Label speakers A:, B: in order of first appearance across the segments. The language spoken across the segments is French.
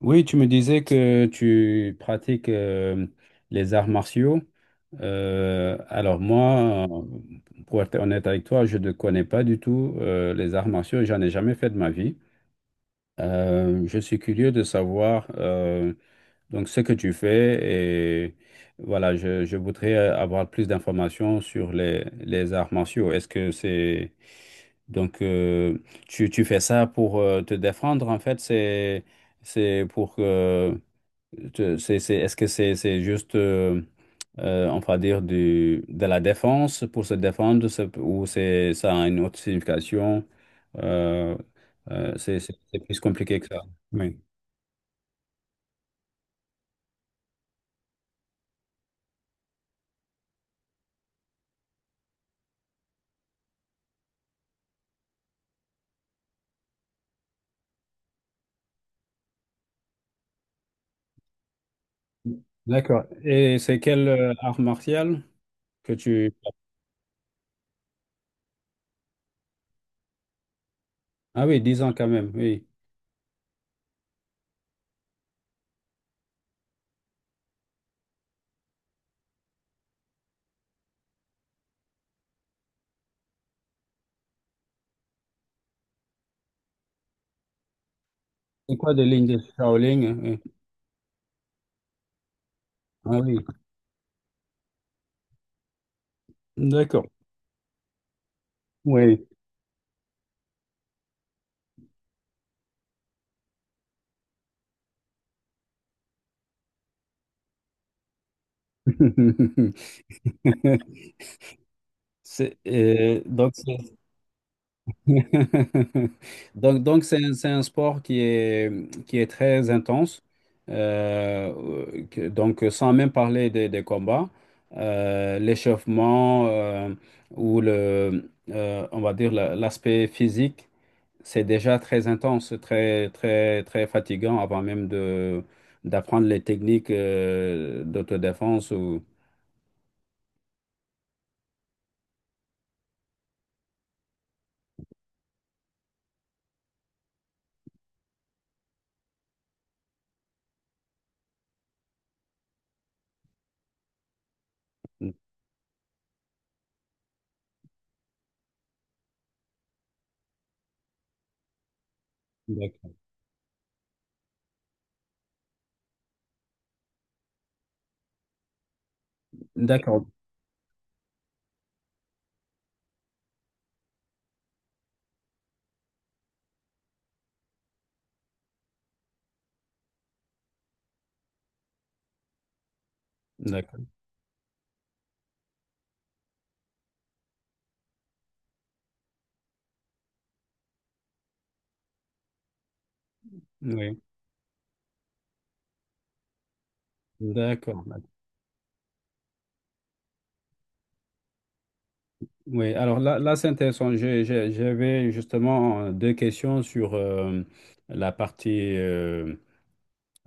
A: Oui, tu me disais que tu pratiques les arts martiaux. Alors moi, pour être honnête avec toi, je ne connais pas du tout les arts martiaux. J'en ai jamais fait de ma vie. Je suis curieux de savoir donc ce que tu fais et voilà, je voudrais avoir plus d'informations sur les arts martiaux. Est-ce que c'est donc Tu fais ça pour te défendre en fait. C'est pour que tu- c'est- Est-ce que c'est juste, on va dire, de la défense pour se défendre ça, ou ça a une autre signification? Euh, c'est plus compliqué que ça. Oui. D'accord. Et c'est quelle art martial que tu... Ah oui, 10 ans quand même, oui. C'est quoi des lignes de Shaolin? Hein, oui. Ah oui, d'accord. Oui. Donc, c'est Donc, c'est un sport qui est très intense. Donc, sans même parler des combats, l'échauffement ou on va dire l'aspect physique, c'est déjà très intense, très, très, très fatigant avant même d'apprendre les techniques d'autodéfense. Ou... D'accord. D'accord. D'accord. Oui. D'accord. Oui, alors là c'est intéressant. J'avais justement deux questions sur la partie euh,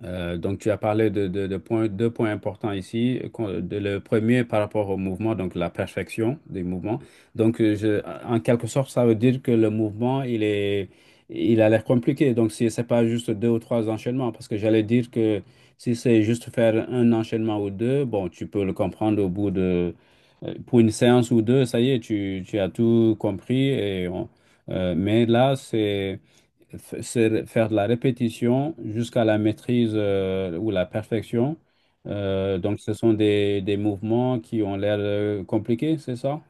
A: euh, donc, tu as parlé deux points importants ici. Le premier par rapport au mouvement, donc la perfection des mouvements. Donc, en quelque sorte, ça veut dire que le mouvement, il a l'air compliqué. Donc, si c'est pas juste deux ou trois enchaînements, parce que j'allais dire que si c'est juste faire un enchaînement ou deux, bon, tu peux le comprendre pour une séance ou deux, ça y est, tu as tout compris. Mais là, c'est faire de la répétition jusqu'à la maîtrise ou la perfection. Donc, ce sont des mouvements qui ont l'air compliqués, c'est ça?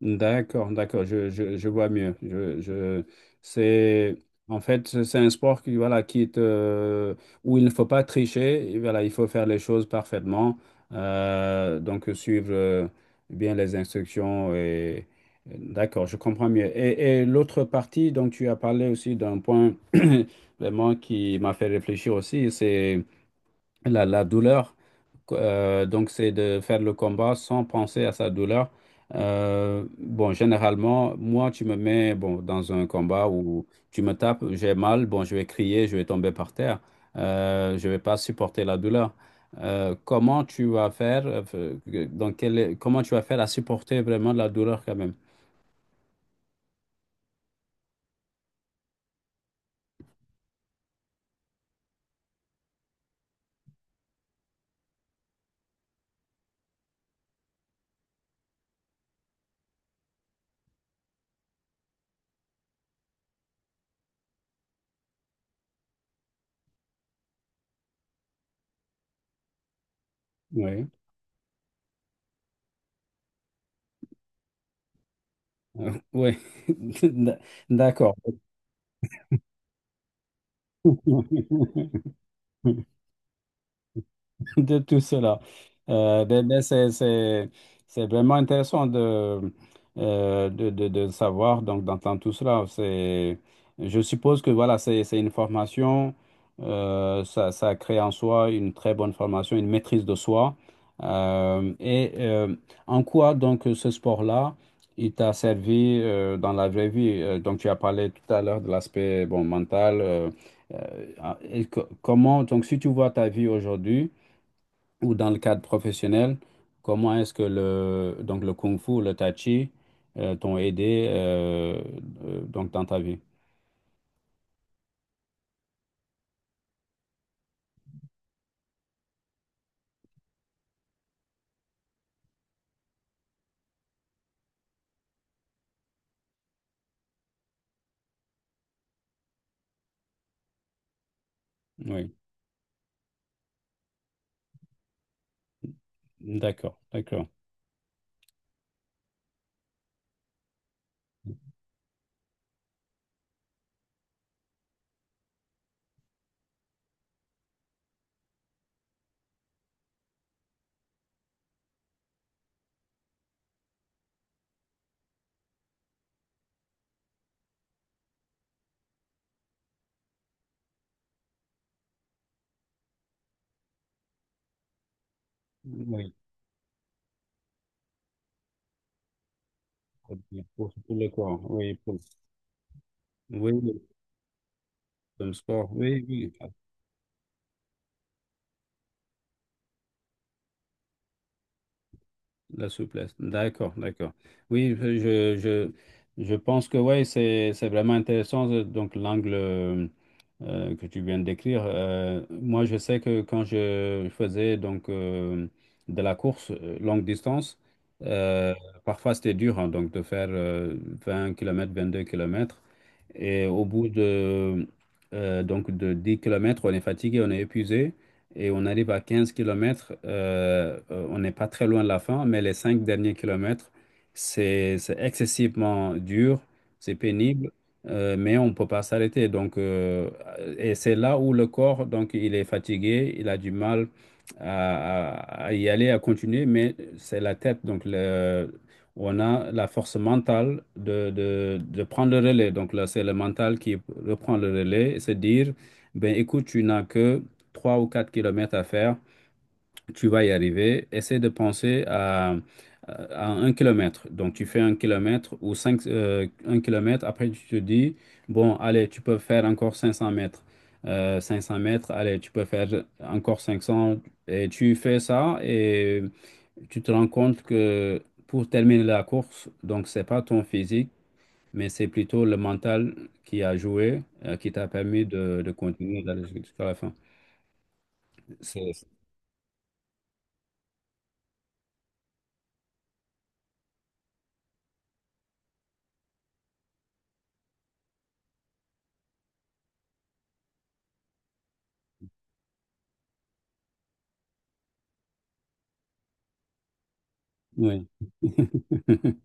A: D'accord, d'accord, je vois mieux. C'est, en fait, c'est un sport qui, voilà, où il ne faut pas tricher, et voilà, il faut faire les choses parfaitement, donc suivre bien les instructions. Et, d'accord, je comprends mieux. Et l'autre partie dont tu as parlé aussi d'un point vraiment qui m'a fait réfléchir aussi, c'est la douleur, donc c'est de faire le combat sans penser à sa douleur. Bon, généralement, moi, tu me mets bon, dans un combat où tu me tapes, j'ai mal, bon, je vais crier, je vais tomber par terre, je vais pas supporter la douleur. Euh, comment tu vas faire, euh, Comment tu vas faire à supporter vraiment la douleur quand même? Oui, oui, d'accord. De tout cela. Ben, c'est vraiment intéressant de savoir, donc d'entendre tout cela. Je suppose que voilà, c'est une formation, ça crée en soi une très bonne formation, une maîtrise de soi. Et en quoi donc ce sport-là, il t'a servi dans la vraie vie? Donc tu as parlé tout à l'heure de l'aspect bon, mental. Comment, donc si tu vois ta vie aujourd'hui, ou dans le cadre professionnel, comment est-ce que donc le Kung Fu, le Tai Chi, t'ont aidé donc dans ta vie? Oui, d'accord, d'accord. Oui, pour le corps, oui, pour, oui, comme sport, oui, oui. La souplesse. D'accord, d'accord. Oui, je pense que ouais, c'est vraiment intéressant, donc l'angle que tu viens de décrire. Moi, je sais que quand je faisais donc de la course longue distance, euh, parfois c'était dur, hein, donc de faire 20 kilomètres, 22 kilomètres. Et au bout donc de 10 kilomètres, on est fatigué, on est épuisé et on arrive à 15 km. On n'est pas très loin de la fin, mais les 5 derniers kilomètres, c'est excessivement dur, c'est pénible, mais on ne peut pas s'arrêter. Donc, et c'est là où le corps, donc, il est fatigué, il a du mal à, à y aller, à continuer, mais c'est la tête. Donc, on a la force mentale de prendre le relais. Donc là, c'est le mental qui reprend le relais et se dire, ben écoute, tu n'as que 3 ou 4 kilomètres à faire, tu vas y arriver. Essaie de penser à 1 km. Donc, tu fais 1 kilomètre ou 5, 1 kilomètre. Après, tu te dis, bon, allez, tu peux faire encore 500 mètres. 500 mètres, allez, tu peux faire encore 500. Et tu fais ça et tu te rends compte que pour terminer la course, donc, c'est pas ton physique, mais c'est plutôt le mental qui a joué, qui t'a permis de continuer d'aller jusqu'à la fin. C'est- Oui.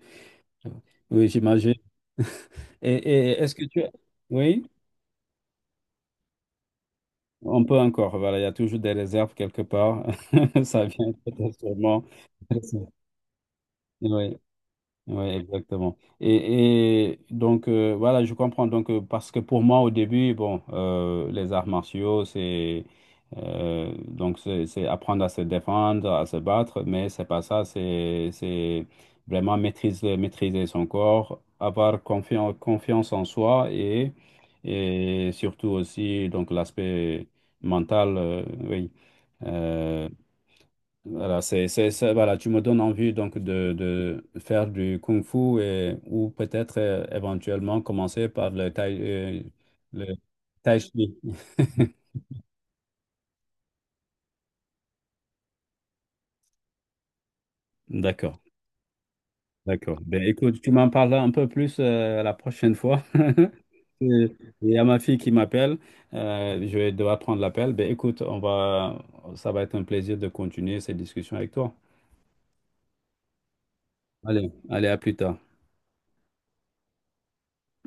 A: Oui, j'imagine. Et est-ce que tu... Oui, on peut encore. Voilà, il y a toujours des réserves quelque part. Ça vient peut-être sûrement. Oui. Oui, exactement. Et donc, voilà, je comprends. Donc, parce que pour moi, au début, bon, les arts martiaux, c'est donc c'est apprendre à se défendre, à se battre, mais c'est pas ça. C'est vraiment maîtriser, maîtriser son corps, avoir confiance, confiance en soi et surtout aussi donc l'aspect mental, oui. Euh, voilà, voilà, tu me donnes envie donc de faire du kung fu ou peut-être éventuellement commencer par euh, le tai chi. D'accord, d'accord. Ben écoute, tu m'en parles un peu plus la prochaine fois. Il y a ma fille qui m'appelle. Je vais devoir prendre l'appel. Ben écoute, ça va être un plaisir de continuer cette discussion avec toi. Allez, allez, à plus tard.